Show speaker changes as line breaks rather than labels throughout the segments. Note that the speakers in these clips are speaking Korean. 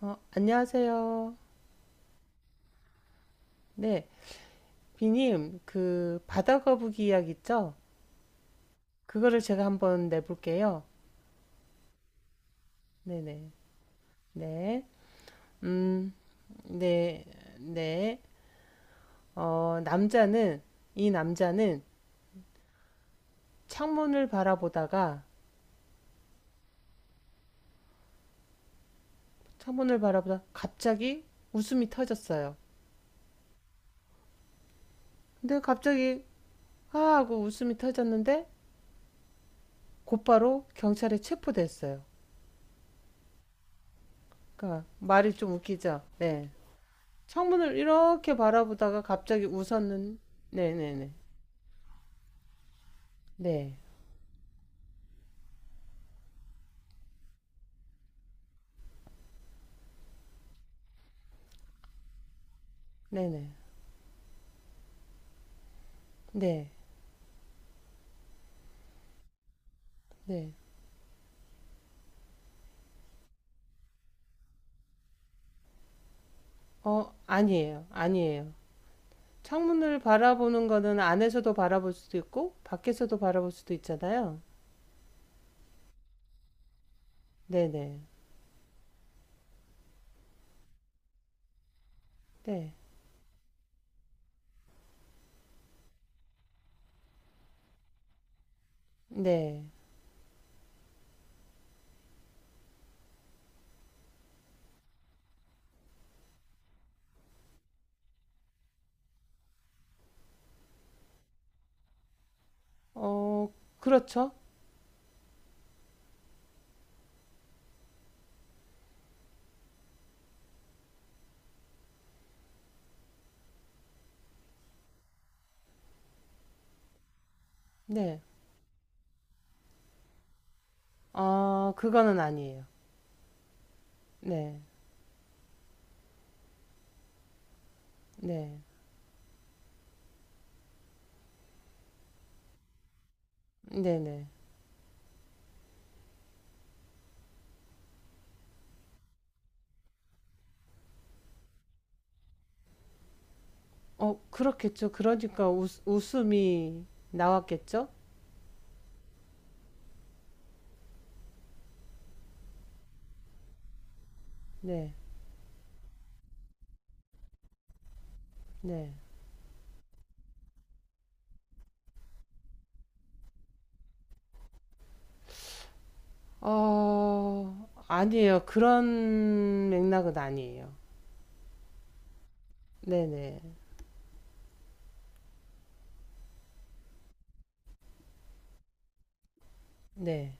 안녕하세요. 네, 비님, 그 바다 거북이 이야기 있죠? 그거를 제가 한번 내볼게요. 네네, 네, 음, 네, 네. 남자는 이 남자는 창문을 바라보다가 창문을 바라보다 갑자기 웃음이 터졌어요. 근데 갑자기 아 하고 웃음이 터졌는데 곧바로 경찰에 체포됐어요. 그러니까 말이 좀 웃기죠? 네. 창문을 이렇게 바라보다가 갑자기 웃었는. 네네네. 네. 네네. 네네어. 아니에요, 아니에요. 창문을 바라보는 거는 안에서도 바라볼 수도 있고 밖에서도 바라볼 수도 있잖아요. 네네. 네네어. 그렇죠. 네아. 그거는 아니에요. 네네. 네네. 그렇겠죠. 그러니까 웃음이 나왔겠죠. 네네. 아니에요. 그런 맥락은 아니에요. 네네. 네.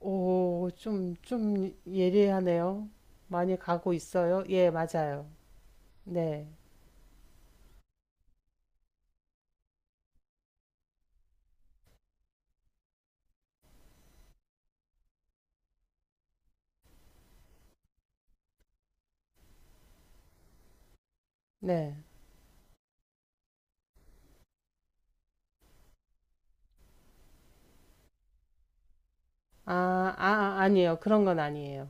오, 좀 예리하네요. 많이 가고 있어요? 예, 맞아요. 네. 네. 아니에요. 그런 건 아니에요.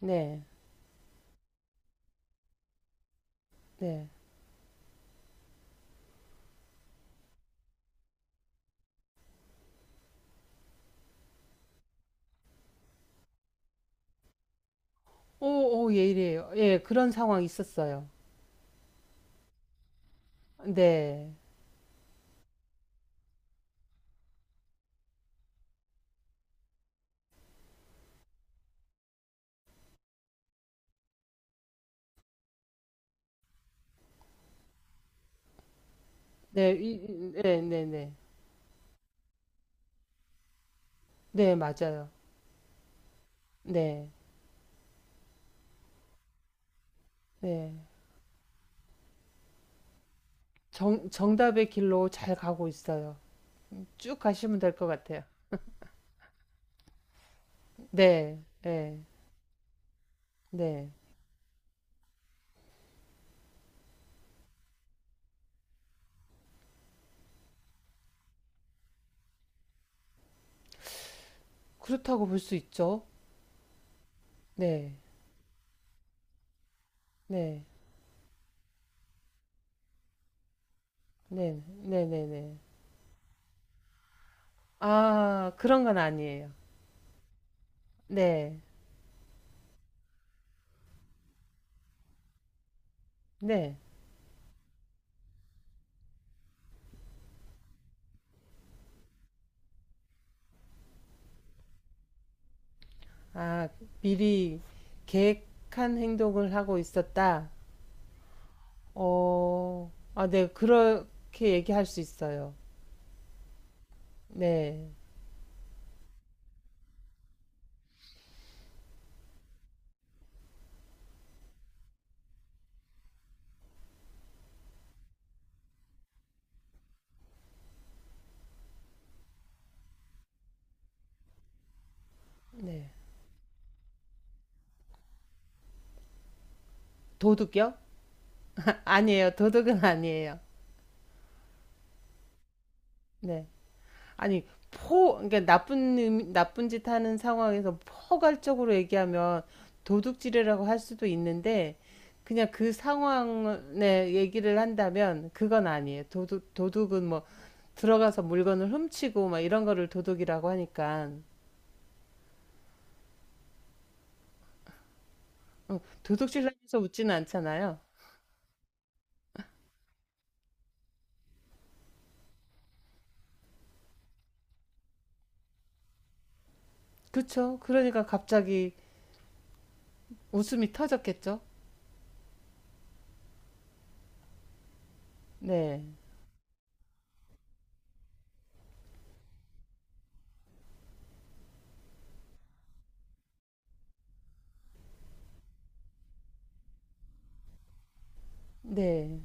네. 네. 오, 예리해요. 예, 그런 상황 있었어요. 네. 네, 네, 네, 네. 네, 맞아요. 네. 네. 정답의 길로 잘 가고 있어요. 쭉 가시면 될 것 같아요. 네. 네. 네. 그렇다고 볼 수 있죠. 네. 네. 네. 네네네. 아, 그런 건 아니에요. 네. 네. 아, 미리 계획한 행동을 하고 있었다. 아, 네. 그렇게 얘기할 수 있어요. 네. 네. 도둑이요? 아니에요. 도둑은 아니에요. 네. 아니, 포 그러니까 나쁜 짓 하는 상황에서 포괄적으로 얘기하면 도둑질이라고 할 수도 있는데 그냥 그 상황에 얘기를 한다면 그건 아니에요. 도둑은 뭐 들어가서 물건을 훔치고 막 이런 거를 도둑이라고 하니까. 도둑질하면서 웃지는 않잖아요. 그쵸? 그러니까 갑자기 웃음이 터졌겠죠? 네, 네.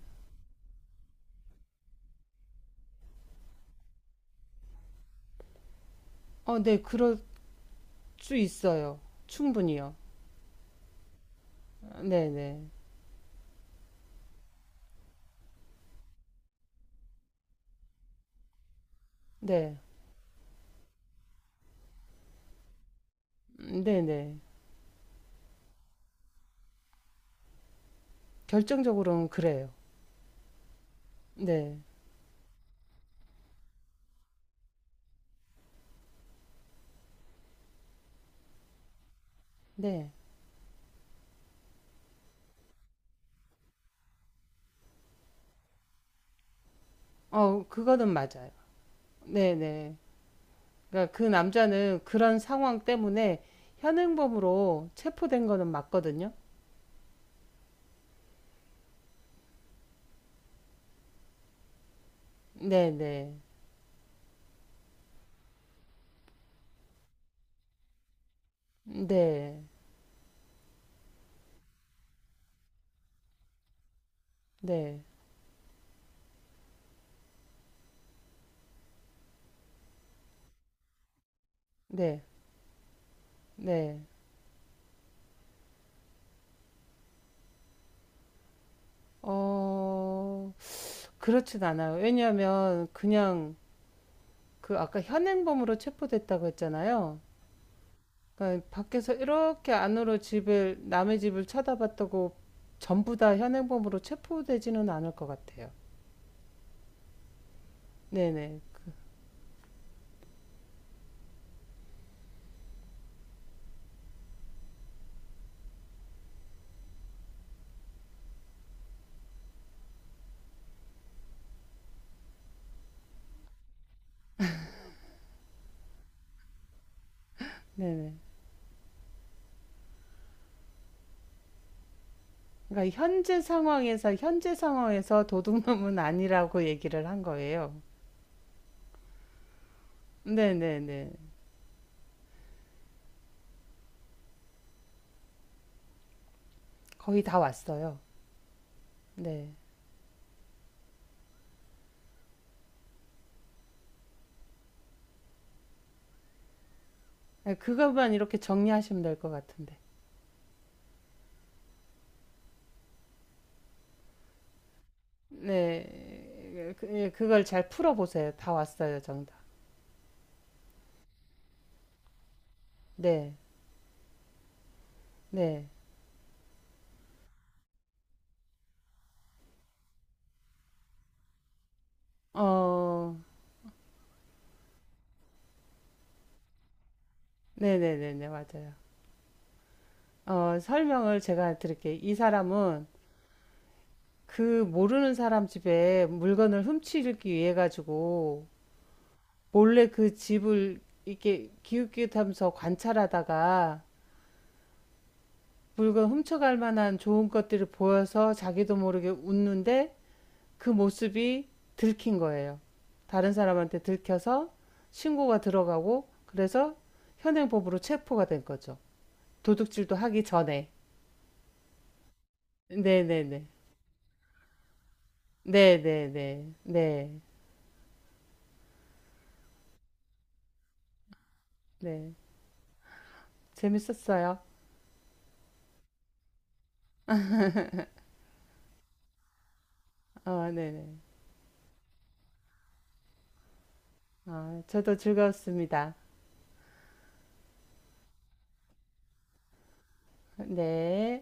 네, 그럴 수 있어요. 충분히요. 네, 네, 네. 네네. 결정적으로는 그래요. 네. 네. 그거는 맞아요. 네네. 그러니까 그 남자는 그런 상황 때문에 현행범으로 체포된 거는 맞거든요. 네네. 네. 네. 네. 네. 어, 그렇진 않아요. 왜냐하면 그냥 그 아까 현행범으로 체포됐다고 했잖아요. 그러니까 밖에서 이렇게 안으로 집을 남의 집을 쳐다봤다고 전부 다 현행범으로 체포되지는 않을 것 같아요. 네네. 네네. 그러니까 현재 상황에서 도둑놈은 아니라고 얘기를 한 거예요. 네네네. 거의 다 왔어요. 네. 그것만 이렇게 정리하시면 될 것 같은데. 네. 예, 그걸 잘 풀어보세요. 다 왔어요, 정답. 네. 네. 어, 네네네네, 맞아요. 설명을 제가 드릴게요. 이 사람은 그 모르는 사람 집에 물건을 훔치기 위해 가지고 몰래 그 집을 이렇게 기웃기웃하면서 관찰하다가 물건 훔쳐갈 만한 좋은 것들을 보여서 자기도 모르게 웃는데 그 모습이 들킨 거예요. 다른 사람한테 들켜서 신고가 들어가고 그래서 현행법으로 체포가 된 거죠. 도둑질도 하기 전에. 네네네. 네네네. 네. 네. 재밌었어요. 네네. 저도 즐거웠습니다. 네.